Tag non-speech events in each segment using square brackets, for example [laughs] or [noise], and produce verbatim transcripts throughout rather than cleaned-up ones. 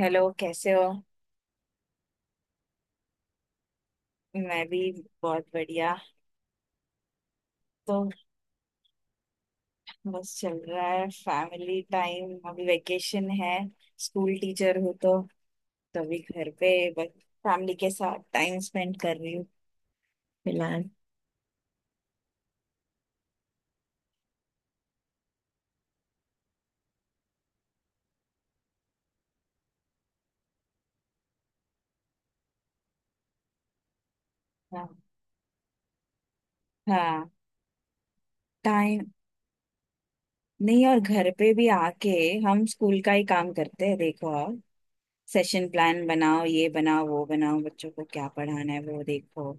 Hello, कैसे हो। मैं भी बहुत बढ़िया। तो बस चल रहा है, फैमिली टाइम, अभी वेकेशन है। स्कूल टीचर हूँ तो तभी घर पे बस फैमिली के साथ टाइम स्पेंड कर रही हूँ फिलहाल। हाँ। हाँ, टाइम नहीं। और घर पे भी आके हम स्कूल का ही काम करते हैं, देखो आप। सेशन प्लान बनाओ, ये बनाओ, वो बनाओ, बच्चों को क्या पढ़ाना है वो देखो।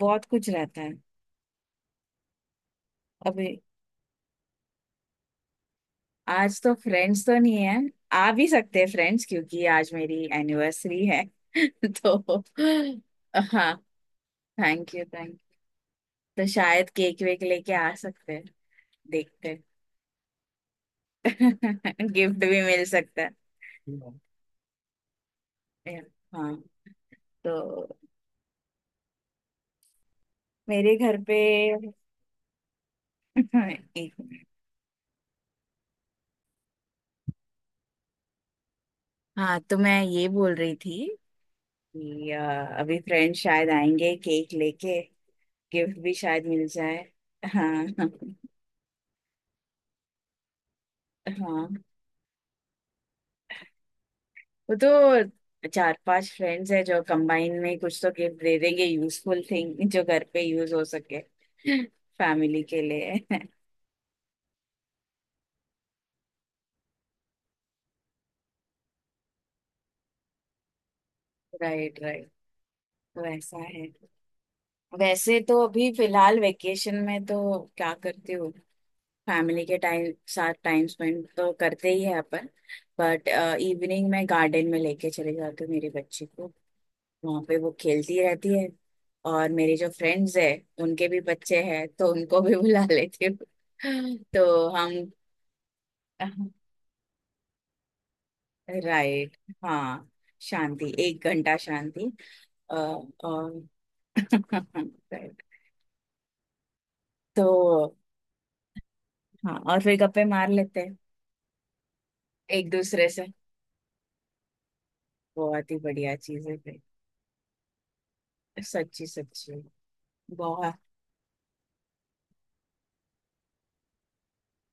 बहुत कुछ रहता है। अब आज तो फ्रेंड्स तो नहीं है, आ भी सकते हैं फ्रेंड्स, क्योंकि आज मेरी एनिवर्सरी है। [laughs] तो हाँ, थैंक यू थैंक यू। तो शायद केक वेक लेके आ सकते हैं, देखते हैं। [laughs] गिफ्ट भी मिल सकता है। Yeah। हाँ। तो मेरे घर पे [laughs] एक मिनट। हाँ, तो मैं ये बोल रही थी कि अ, अभी फ्रेंड शायद आएंगे केक लेके, गिफ्ट भी शायद मिल जाए। हाँ [laughs] हाँ, वो तो चार पांच फ्रेंड्स है जो कंबाइन में कुछ तो गिफ्ट दे देंगे, यूजफुल थिंग [laughs] जो घर पे यूज हो सके [laughs] फैमिली के लिए [laughs] राइट राइट। वैसा है। वैसे तो अभी फिलहाल वेकेशन में तो क्या करती हूँ, फैमिली के टाइम साथ टाइम स्पेंड तो करते ही है अपन, बट इवनिंग में गार्डन में लेके चले जाती हूँ मेरी बच्ची को, वहां पे वो खेलती रहती है। और मेरे जो फ्रेंड्स है, उनके भी बच्चे हैं, तो उनको भी बुला लेती हूँ [laughs] तो हम। राइट। हाँ, शांति, एक घंटा शांति। अ, और [laughs] right। तो हाँ, और फिर गप्पे मार लेते हैं एक दूसरे से, बहुत ही बढ़िया चीज है भाई। सच्ची सच्ची, बहुत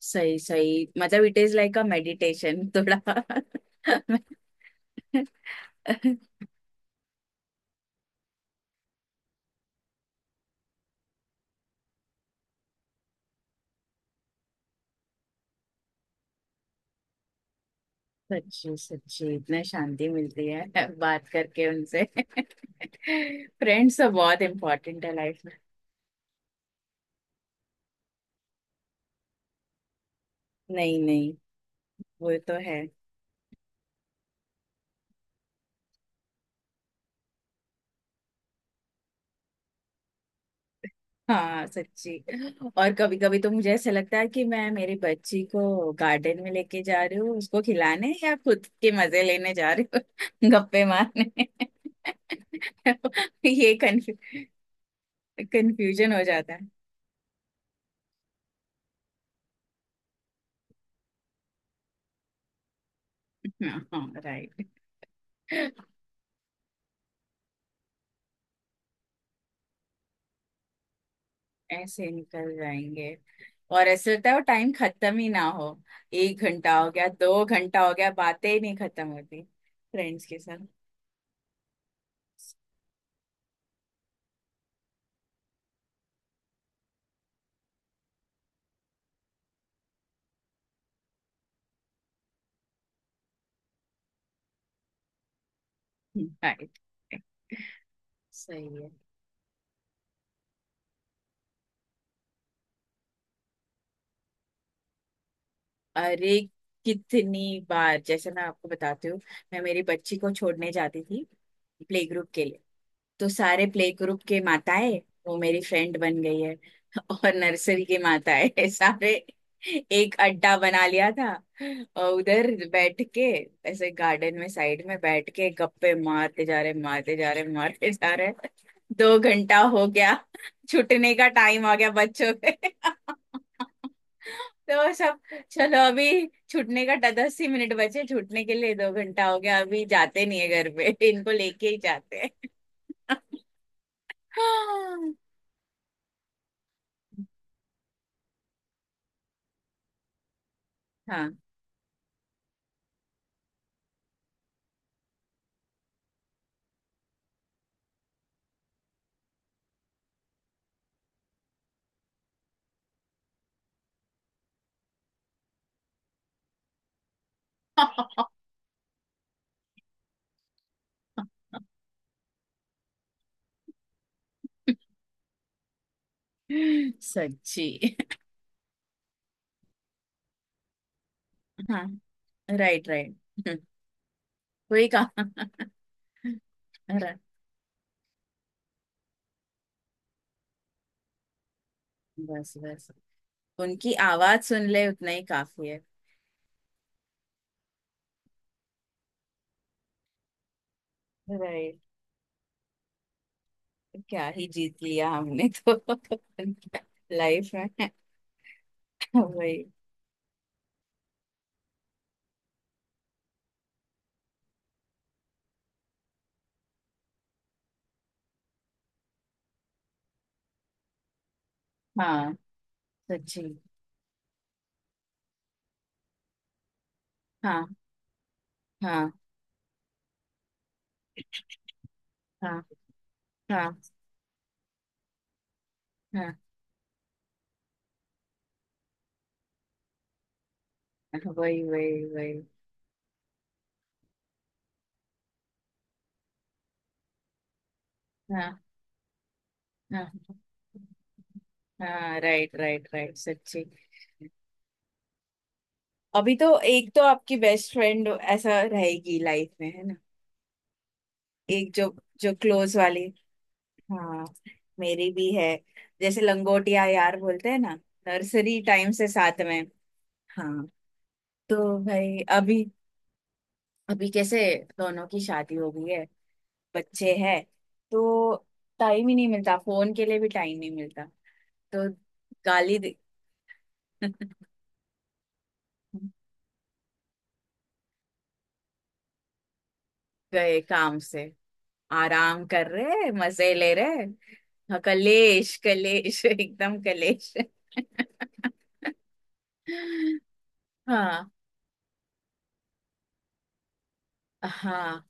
सही सही, मतलब it is like a meditation थोड़ा। [laughs] सच्ची सच्ची, इतना शांति मिलती है [laughs] बात करके उनसे [laughs] फ्रेंड्स तो बहुत इम्पोर्टेंट है लाइफ में। नहीं नहीं, वो तो है। हाँ सच्ची। और कभी कभी तो मुझे ऐसा लगता है कि मैं मेरी बच्ची को गार्डन में लेके जा रही हूँ उसको खिलाने, या खुद के मजे लेने जा रही हूँ [laughs] गप्पे मारने। [laughs] ये कंफ्यूजन हो जाता है। हाँ राइट। ऐसे निकल जाएंगे, और ऐसे होता है वो टाइम खत्म ही ना हो। एक घंटा हो गया, दो घंटा हो गया, बातें ही नहीं खत्म होती फ्रेंड्स के साथ। राइट, सही है। अरे कितनी बार, जैसे मैं आपको बताती हूँ, मैं मेरी बच्ची को छोड़ने जाती थी प्ले ग्रुप के लिए, तो सारे प्ले ग्रुप के माताएं, वो मेरी फ्रेंड बन गई है [laughs] और नर्सरी के माताएं [laughs] सारे एक अड्डा बना लिया था, और उधर बैठ के, ऐसे गार्डन में साइड में बैठ के, गप्पे मारते जा रहे, मारते जा रहे, मारते जा रहे, दो घंटा हो गया, छुटने का टाइम आ गया बच्चों के। [laughs] तो सब, चलो अभी छूटने का ड- दस ही मिनट बचे छूटने के लिए, दो घंटा हो गया, अभी जाते नहीं है घर पे [laughs] इनको लेके ही जाते हैं। हाँ [laughs] सच्ची। हाँ राइट राइट। कोई कहा रा- बस बस, उनकी आवाज सुन ले उतना ही काफी है। राइट, क्या ही जीत लिया हमने तो [laughs] लाइफ में। [laughs] वही। हाँ सच्ची। हाँ हाँ हाँ। हाँ हाँ। वही वही वही। हाँ हाँ हाँ, राइट राइट राइट, सच्ची। अभी तो एक तो आपकी बेस्ट फ्रेंड ऐसा रहेगी लाइफ में, है ना, एक जो, जो क्लोज वाली। हाँ, मेरी भी है, जैसे लंगोटिया यार बोलते हैं ना, नर्सरी टाइम से साथ में। हाँ, तो भाई अभी, अभी कैसे, दोनों की शादी हो गई है, बच्चे हैं, तो टाइम ही नहीं मिलता, फोन के लिए भी टाइम नहीं मिलता तो गाली दे। [laughs] गए काम से, आराम कर रहे, मजे ले रहे। हाँ, कलेश कलेश [laughs] एकदम कलेश। हाँ हाँ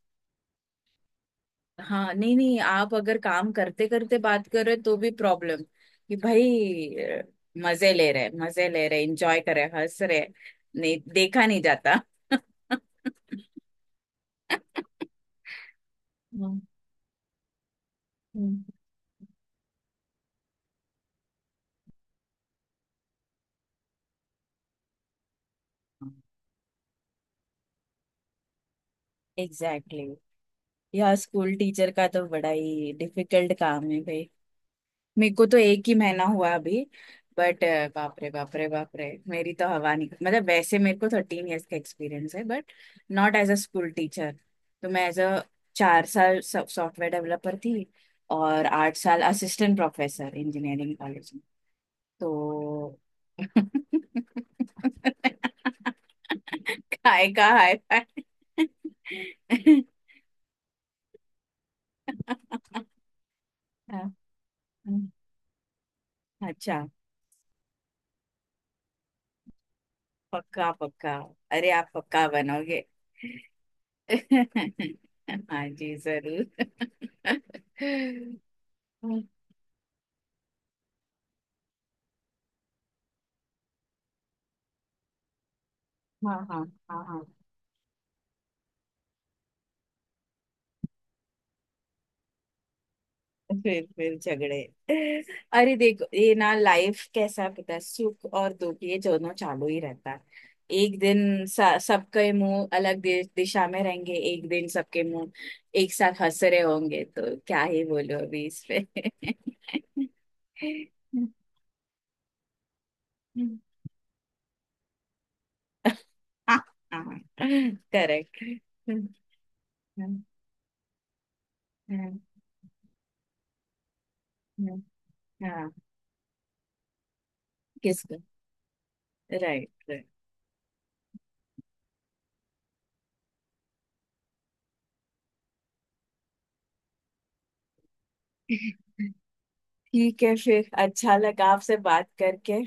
हाँ। नहीं नहीं, आप अगर काम करते करते बात कर रहे तो भी प्रॉब्लम, कि भाई अ, मजे ले रहे, मजे ले रहे, एंजॉय कर रहे, हंस रहे, नहीं देखा नहीं जाता। Exactly exactly। यह स्कूल टीचर का तो बड़ा ही डिफिकल्ट काम है। मेरे को तो एक ही महीना हुआ अभी, बट बाप रे बाप रे बाप रे, मेरी तो हवा निकल, मतलब वैसे मेरे को थर्टीन इयर्स का एक्सपीरियंस है, but not as a school teacher. तो मैं एज अ, चार साल सॉफ्टवेयर डेवलपर थी, और आठ साल असिस्टेंट प्रोफेसर इंजीनियरिंग कॉलेज में। तो [laughs] काय का हाय फाय। [laughs] अच्छा, पक्का पक्का, अरे आप पक्का बनोगे। [laughs] हाँ जी जरूर। हाँ हाँ। हाँ हाँ। फिर फिर झगड़े। अरे देखो ये ना लाइफ कैसा, पता है, सुख और दुख ये दोनों चालू ही रहता है। एक दिन स- सबके मुंह अलग दि- दिशा में रहेंगे, एक दिन सबके मुंह एक साथ हंस रहे होंगे, तो क्या ही बोलो अभी इस पे। [laughs] [laughs] करेक्ट। हाँ, किसको। Right right. ठीक है, फिर अच्छा लगा आपसे बात करके,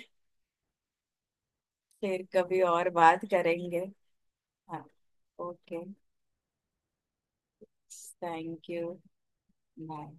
फिर कभी और बात करेंगे। हाँ ओके। Thank you. बाय।